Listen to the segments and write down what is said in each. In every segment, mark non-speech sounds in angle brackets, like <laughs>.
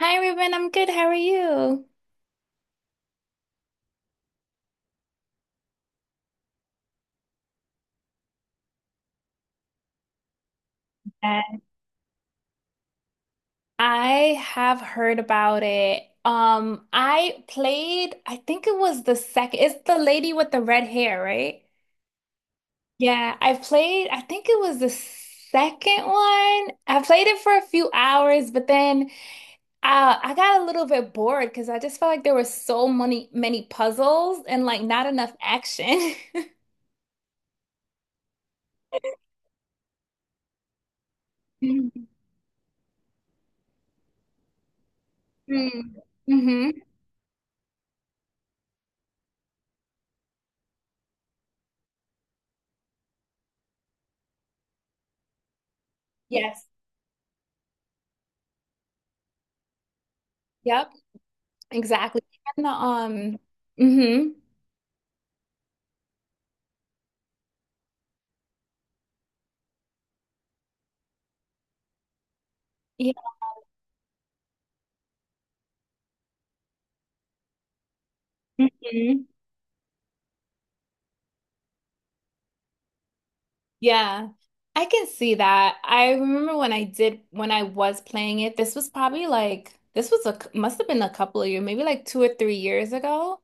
Hi, Ruben. I'm good. How are you? Uh, I have heard about it. I played, I think it was the second, it's the lady with the red hair, right? Yeah, I played, I think it was the second one. I played it for a few hours, but then I got a little bit bored because I just felt like there were so many, many puzzles and like not enough action. <laughs> Mm. Mm-hmm. Yes. Yep. Exactly. And the hmm Yeah. hmm Yeah, I can see that. I remember when I was playing it, this was probably like this was a must have been a couple of years, maybe like 2 or 3 years ago.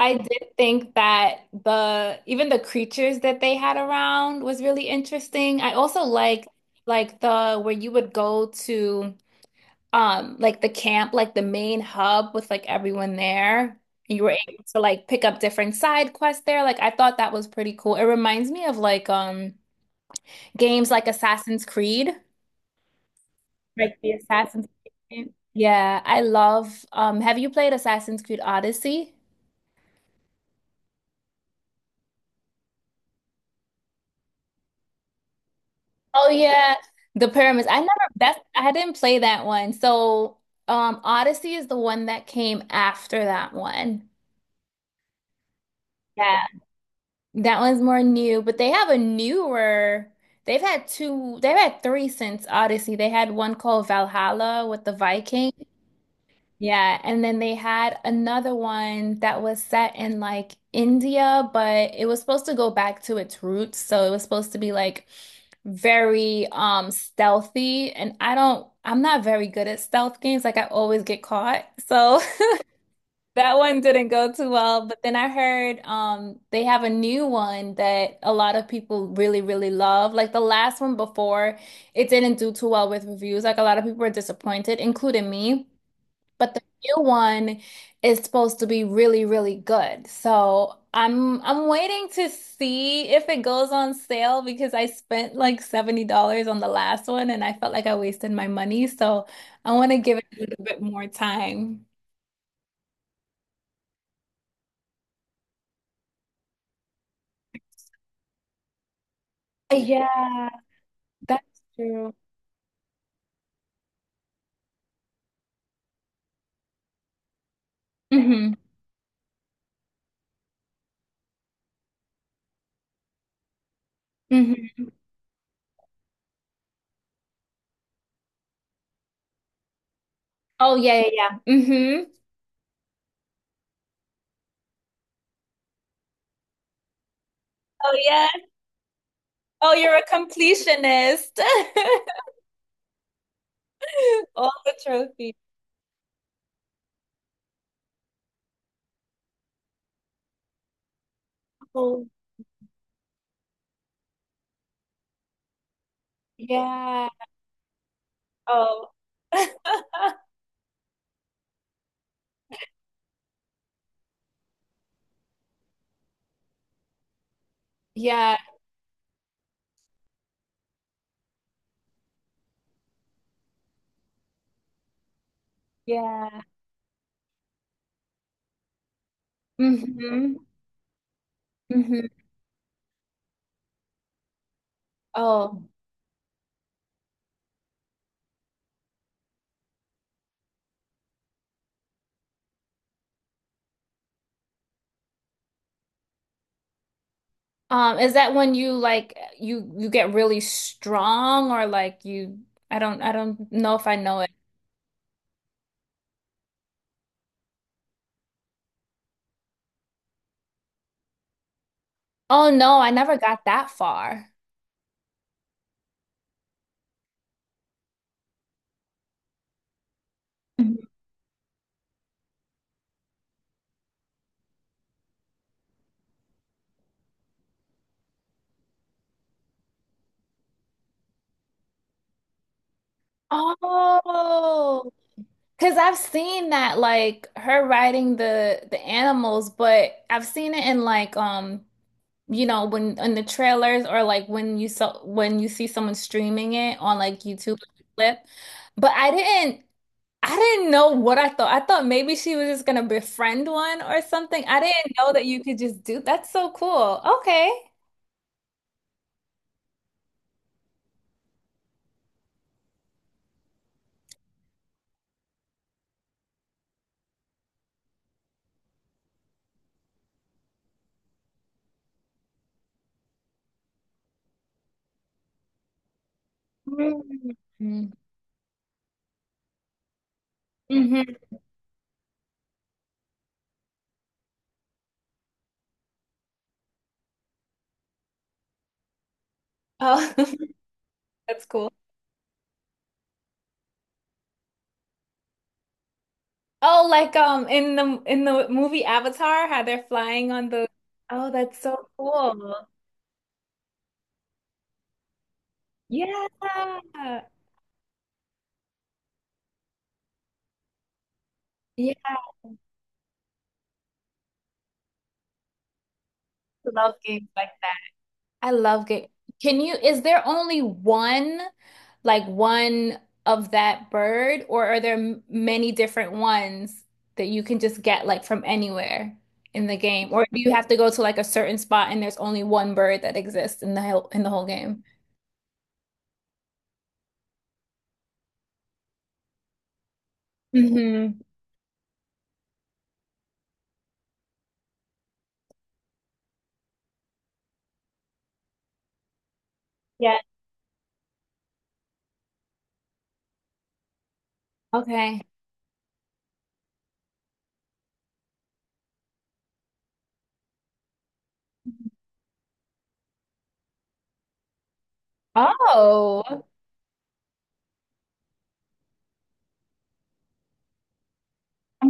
I did think that the even the creatures that they had around was really interesting. I also like the where you would go to like the camp, like the main hub with like everyone there. You were able to like pick up different side quests there. Like I thought that was pretty cool. It reminds me of like games like Assassin's Creed, like the Assassin's Creed game. Yeah, I love have you played Assassin's Creed Odyssey? Oh yeah, the pyramids. I didn't play that one. So Odyssey is the one that came after that one. Yeah. That one's more new, but they have a newer. They've had two, they've had three since Odyssey. They had one called Valhalla with the Viking. Yeah, and then they had another one that was set in like India, but it was supposed to go back to its roots. So it was supposed to be like very stealthy, and I'm not very good at stealth games. Like I always get caught. So <laughs> That one didn't go too well, but then I heard they have a new one that a lot of people really, really love. Like the last one before, it didn't do too well with reviews. Like a lot of people were disappointed, including me. But the new one is supposed to be really, really good. So I'm waiting to see if it goes on sale because I spent like $70 on the last one and I felt like I wasted my money. So I want to give it a little bit more time. Yeah. That's true. Hmm hmm Oh yeah, yeah, yeah. hmm Oh yeah. Oh, you're a completionist. <laughs> All the trophies. Oh yeah, Oh. <laughs> yeah, yeah. hmm hmm Oh. Is that when you like you get really strong or like you I don't know if I know it. Oh no, I never got that far. Mhm. Oh. Cause I've seen that like her riding the animals, but I've seen it in like you know when in the trailers or like when you saw when you see someone streaming it on like YouTube clip. But I didn't know what I thought. I thought maybe she was just gonna befriend one or something. I didn't know that you could just do that's so cool. Okay. Mm. hmm Oh, <laughs> that's cool. Oh, like in the movie Avatar, how they're flying on the Oh, that's so cool. Yeah. Yeah, I love games like that. I love game. Can you, is there only one, like one of that bird, or are there many different ones that you can just get like from anywhere in the game? Or do you have to go to like a certain spot and there's only one bird that exists in the whole game? Mm-hmm. Yeah. Okay. Oh,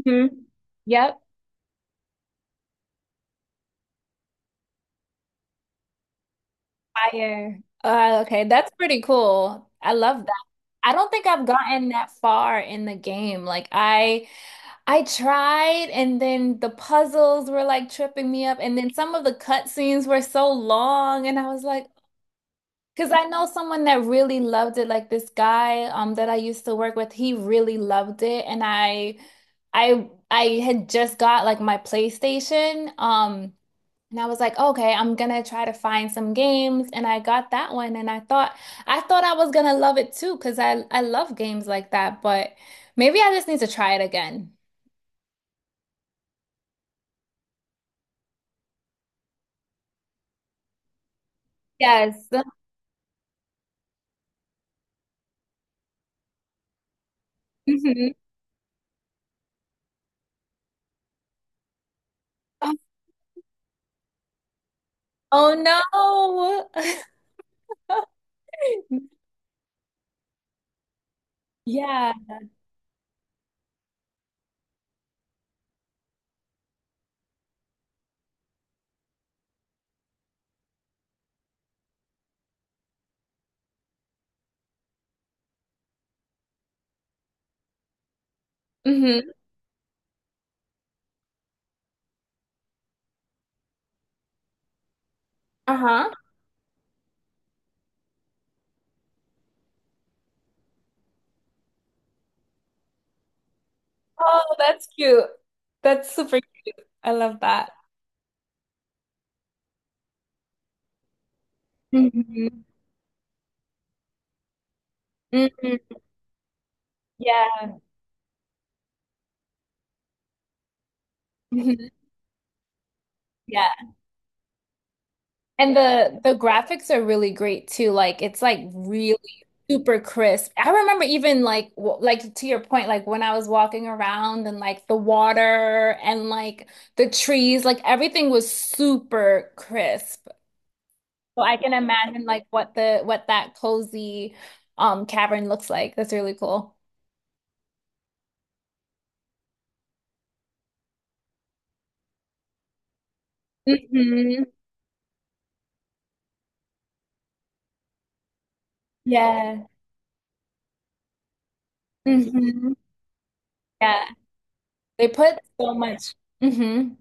hmm yep. Fire. Okay, that's pretty cool. I love that. I don't think I've gotten that far in the game. Like I tried and then the puzzles were like tripping me up and then some of the cutscenes were so long and I was like because I know someone that really loved it like this guy that I used to work with, he really loved it and I had just got like my PlayStation. And I was like, okay, I'm gonna try to find some games. And I got that one and I thought I was gonna love it too, because I love games like that, but maybe I just need to try it again. Yes. <laughs> Mhm. Oh no. <laughs> Yeah. hmm Uh-huh. Oh, that's cute. That's super cute. I love that. Hmm hmm Yeah. hmm Yeah. And the graphics are really great too. Like it's like really super crisp. I remember even like like to your point, like when I was walking around and like the water and like the trees, like everything was super crisp. So I can imagine like what the what that cozy cavern looks like. That's really cool. hmm Yeah. hmm Yeah. They put so much. Hmm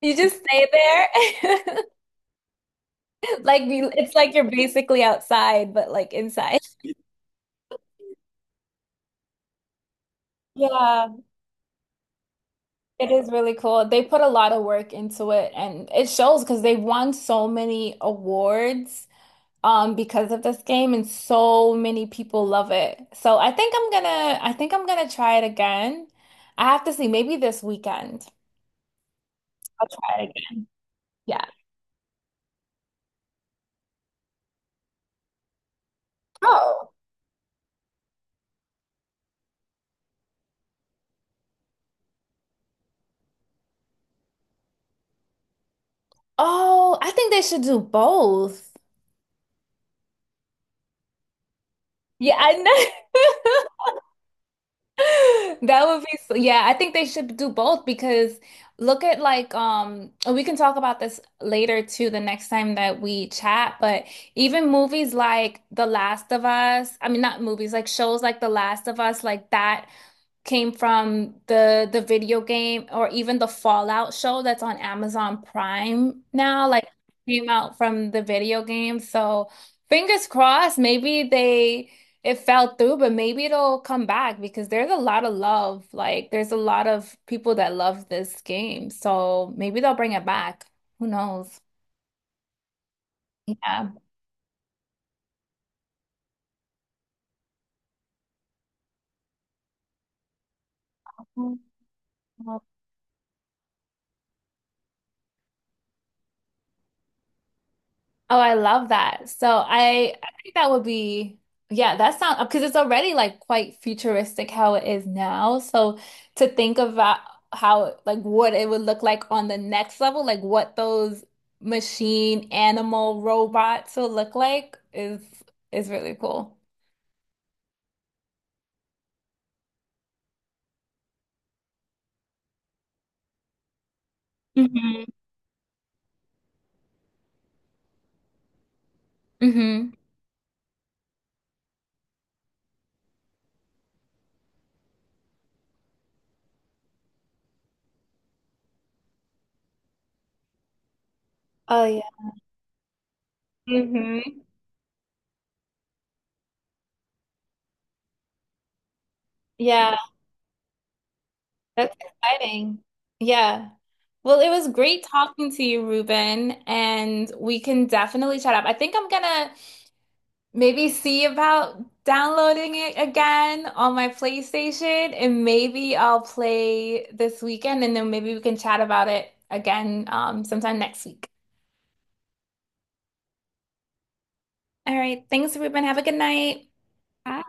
You just stay there. <laughs> Like it's like you're basically outside, but like inside. <laughs> Yeah, it is really cool. They put a lot of work into it and it shows because they won so many awards because of this game and so many people love it. So I think I'm gonna try it again. I have to see maybe this weekend. I'll try it again. Yeah. Oh. Oh, I think they should do both. Yeah, I know. <laughs> <laughs> That would be, so- yeah, I think they should do both because look at like and we can talk about this later too the next time that we chat, but even movies like The Last of Us, I mean not movies, like shows like The Last of Us, like that came from the video game or even the Fallout show that's on Amazon Prime now, like came out from the video game. So fingers crossed, maybe they it fell through, but maybe it'll come back because there's a lot of love. Like, there's a lot of people that love this game. So maybe they'll bring it back. Who knows? Yeah. Oh, I love that. So I think that would be, yeah, that sounds because it's already like quite futuristic how it is now. So to think about how, like, what it would look like on the next level, like what those machine animal robots will look like is really cool. hmm hmm Oh yeah. hmm Yeah, that's exciting. Yeah. Well, it was great talking to you, Ruben, and we can definitely chat up. I think I'm gonna maybe see about downloading it again on my PlayStation, and maybe I'll play this weekend, and then maybe we can chat about it again sometime next week. All right. Thanks, Ruben. Have a good night. Bye.